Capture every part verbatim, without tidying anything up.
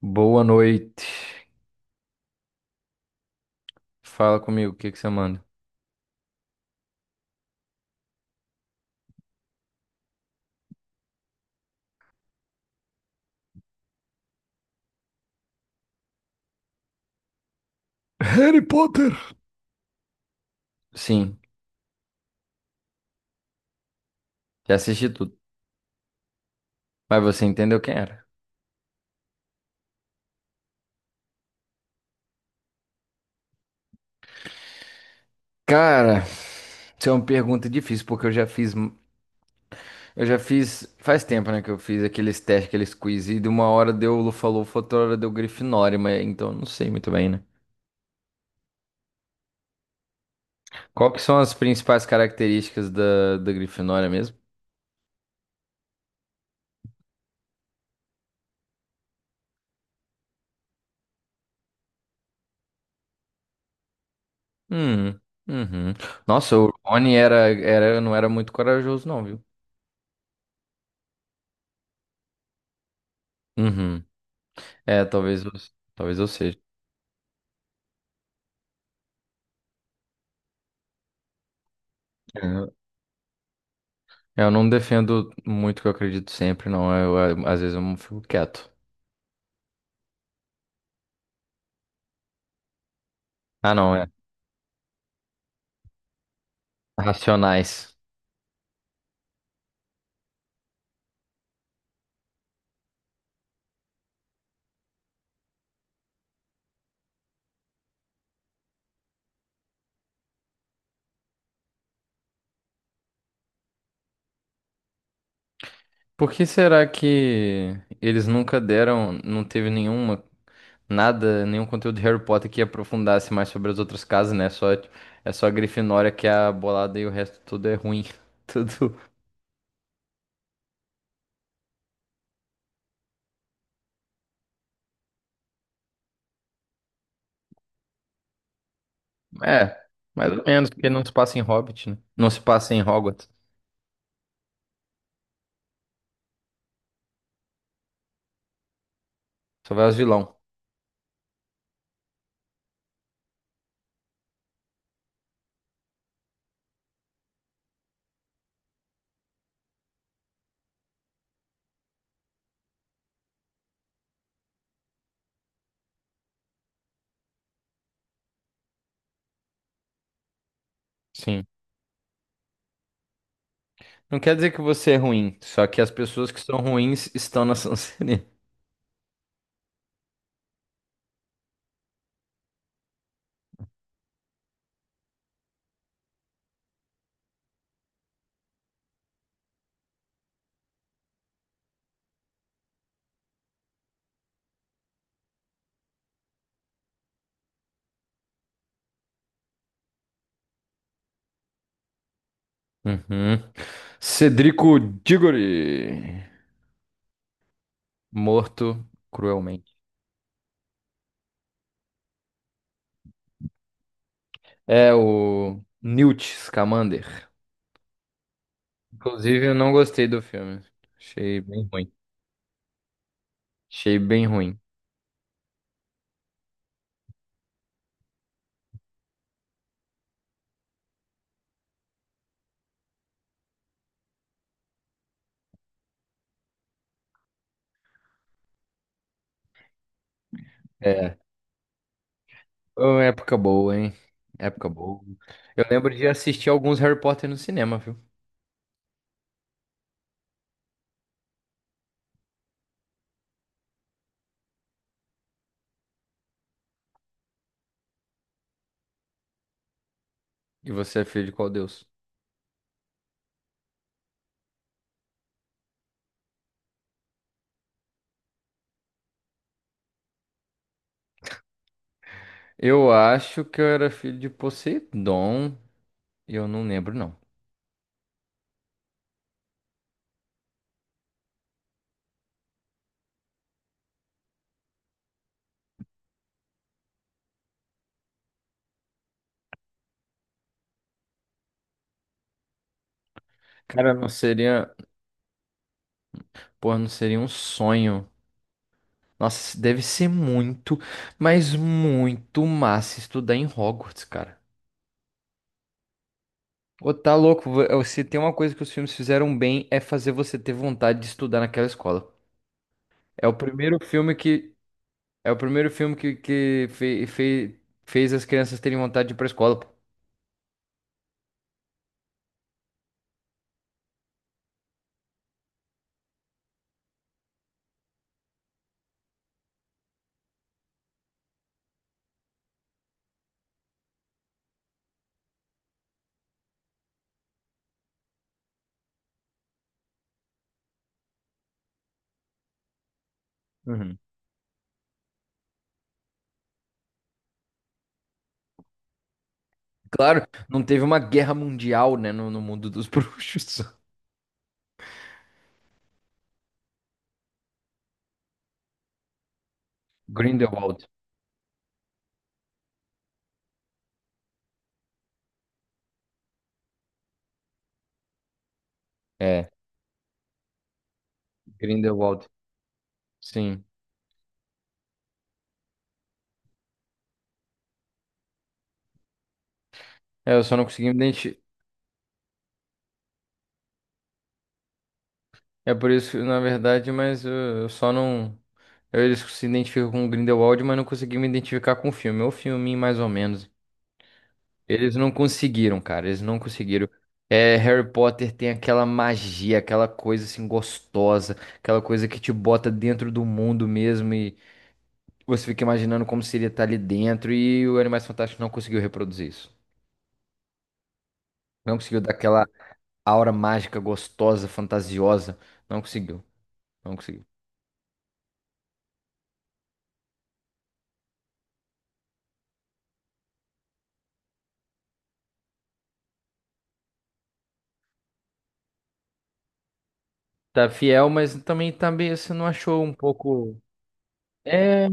Boa noite. Fala comigo, o que que você manda? Harry Potter. Sim, já assisti tudo. Mas você entendeu quem era? Cara, isso é uma pergunta difícil, porque eu já fiz. Eu já fiz. Faz tempo, né, que eu fiz aqueles testes, aqueles quiz, e de uma hora deu Lufa-Lufa, outra hora deu Grifinória, mas então eu não sei muito bem, né? Qual que são as principais características da, da Grifinória mesmo? Hum, uhum. Nossa, o Rony era, era, não era muito corajoso, não, viu? Uhum. É, talvez eu, talvez eu seja. É, eu não defendo muito o que eu acredito sempre, não. Eu, eu- às vezes eu fico quieto. Ah, não, é. Racionais. Por que será que eles nunca deram, não teve nenhuma, nada, nenhum conteúdo de Harry Potter que aprofundasse mais sobre as outras casas, né? Só, é só a Grifinória que é a bolada e o resto tudo é ruim. Tudo. É, mais ou menos, porque não se passa em Hobbit, né? Não se passa em Hogwarts. Só vai os vilão. Sim. Não quer dizer que você é ruim, só que as pessoas que são ruins estão na Sonserina. Uhum. Cedrico Diggory, morto cruelmente. É o Newt Scamander. Inclusive, eu não gostei do filme. Achei bem ruim. Achei bem ruim. É, foi uma época boa, hein? Época boa. Eu lembro de assistir alguns Harry Potter no cinema, viu? E você é filho de qual deus? Eu acho que eu era filho de Poseidon. E eu não lembro, não. Cara, não seria. Porra, não seria um sonho. Nossa, deve ser muito, mas muito massa estudar em Hogwarts, cara. Ô, tá louco, vo- eh, se tem uma coisa que os filmes fizeram bem é fazer você ter vontade de estudar naquela escola. É o primeiro filme que é o primeiro filme que, que fe- fe- fez as crianças terem vontade de ir pra escola. Pô. Uhum. Claro, não teve uma guerra mundial, né, no, no mundo dos bruxos. Grindelwald. É, Grindelwald. Sim. É, eu só não consegui me identi- É por isso, na verdade, mas eu, eu só não. Eles se identificam com o Grindelwald, mas não consegui me identificar com o filme. É o filme, mais ou menos. Eles não conseguiram, cara. Eles não conseguiram. É, Harry Potter tem aquela magia, aquela coisa assim gostosa, aquela coisa que te bota dentro do mundo mesmo e você fica imaginando como seria estar ali dentro. E o Animais Fantásticos não conseguiu reproduzir isso. Não conseguiu dar aquela aura mágica, gostosa, fantasiosa. Não conseguiu. Não conseguiu. Tá fiel, mas também tá meio, você não achou um pouco. É,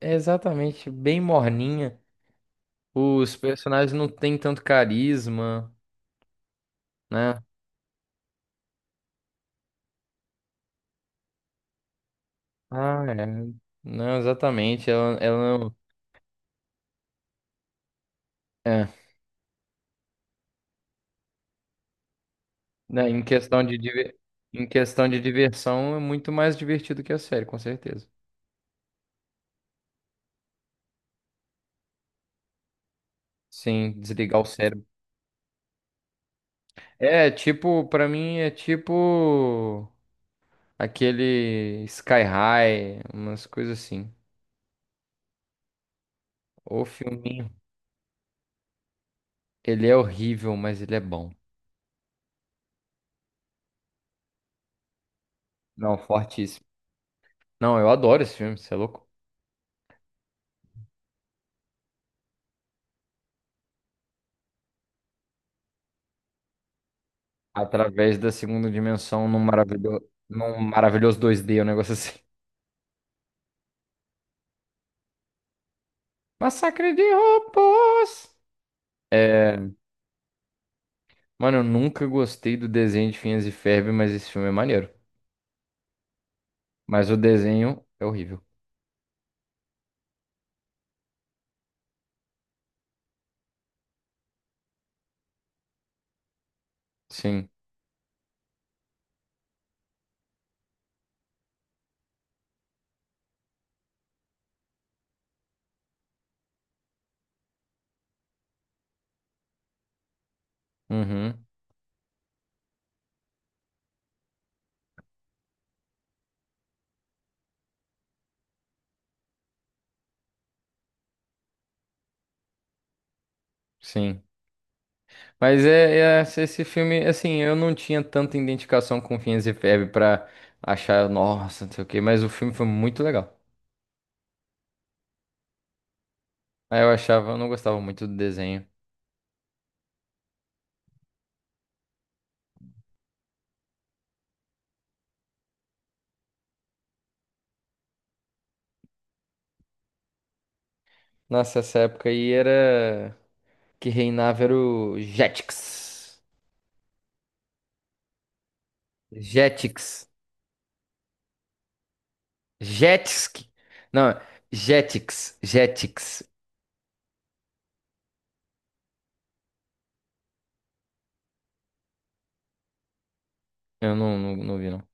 é exatamente, bem morninha. Os personagens não têm tanto carisma, né? Ah, é. Não, exatamente. Ela, ela não. É. Né, em questão de, diver- em questão de diversão, é muito mais divertido que a série, com certeza. Sim, desligar o cérebro. É, tipo, pra mim é tipo aquele Sky High, umas coisas assim. Ou filminho. Ele é horrível, mas ele é bom. Não, fortíssimo. Não, eu adoro esse filme, você é louco? Através da segunda dimensão num maravilhoso, num maravilhoso dois D, um negócio assim. Massacre de robôs! É, mano, eu nunca gostei do desenho de Phineas e Ferb, mas esse filme é maneiro. Mas o desenho é horrível. Sim. Uhum. Sim. Mas é, é esse esse filme, assim, eu não tinha tanta identificação com Phineas e Ferb pra achar, nossa, não sei o quê, mas o filme foi muito legal. Aí eu achava, eu não gostava muito do desenho. Nossa, essa época aí era que reinava era o Jetix. Jetix. Jetix. Não, Jetix. Jetix. Eu não, não, não vi, não.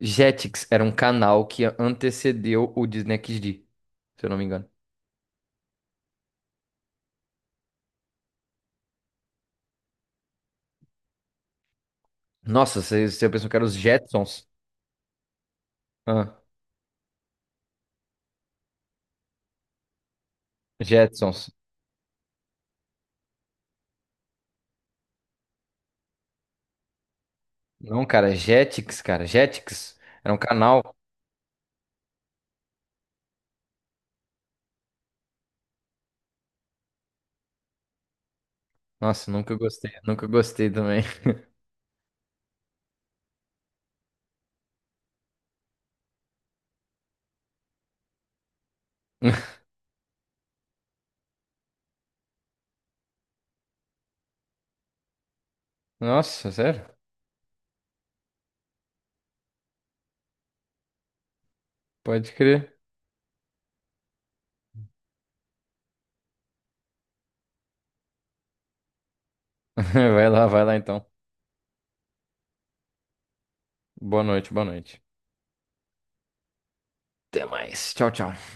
Jetix era um canal que antecedeu o Disney X D, se eu não me engano. Nossa, você, você pensou que era os Jetsons? Ah, Jetsons. Não, cara, Jetix, cara. Jetix. Era um canal. Nossa, nunca gostei. Nunca gostei também. Nossa, sério? Pode crer. Vai lá, vai lá então. Boa noite, boa noite. Até mais. Tchau, tchau.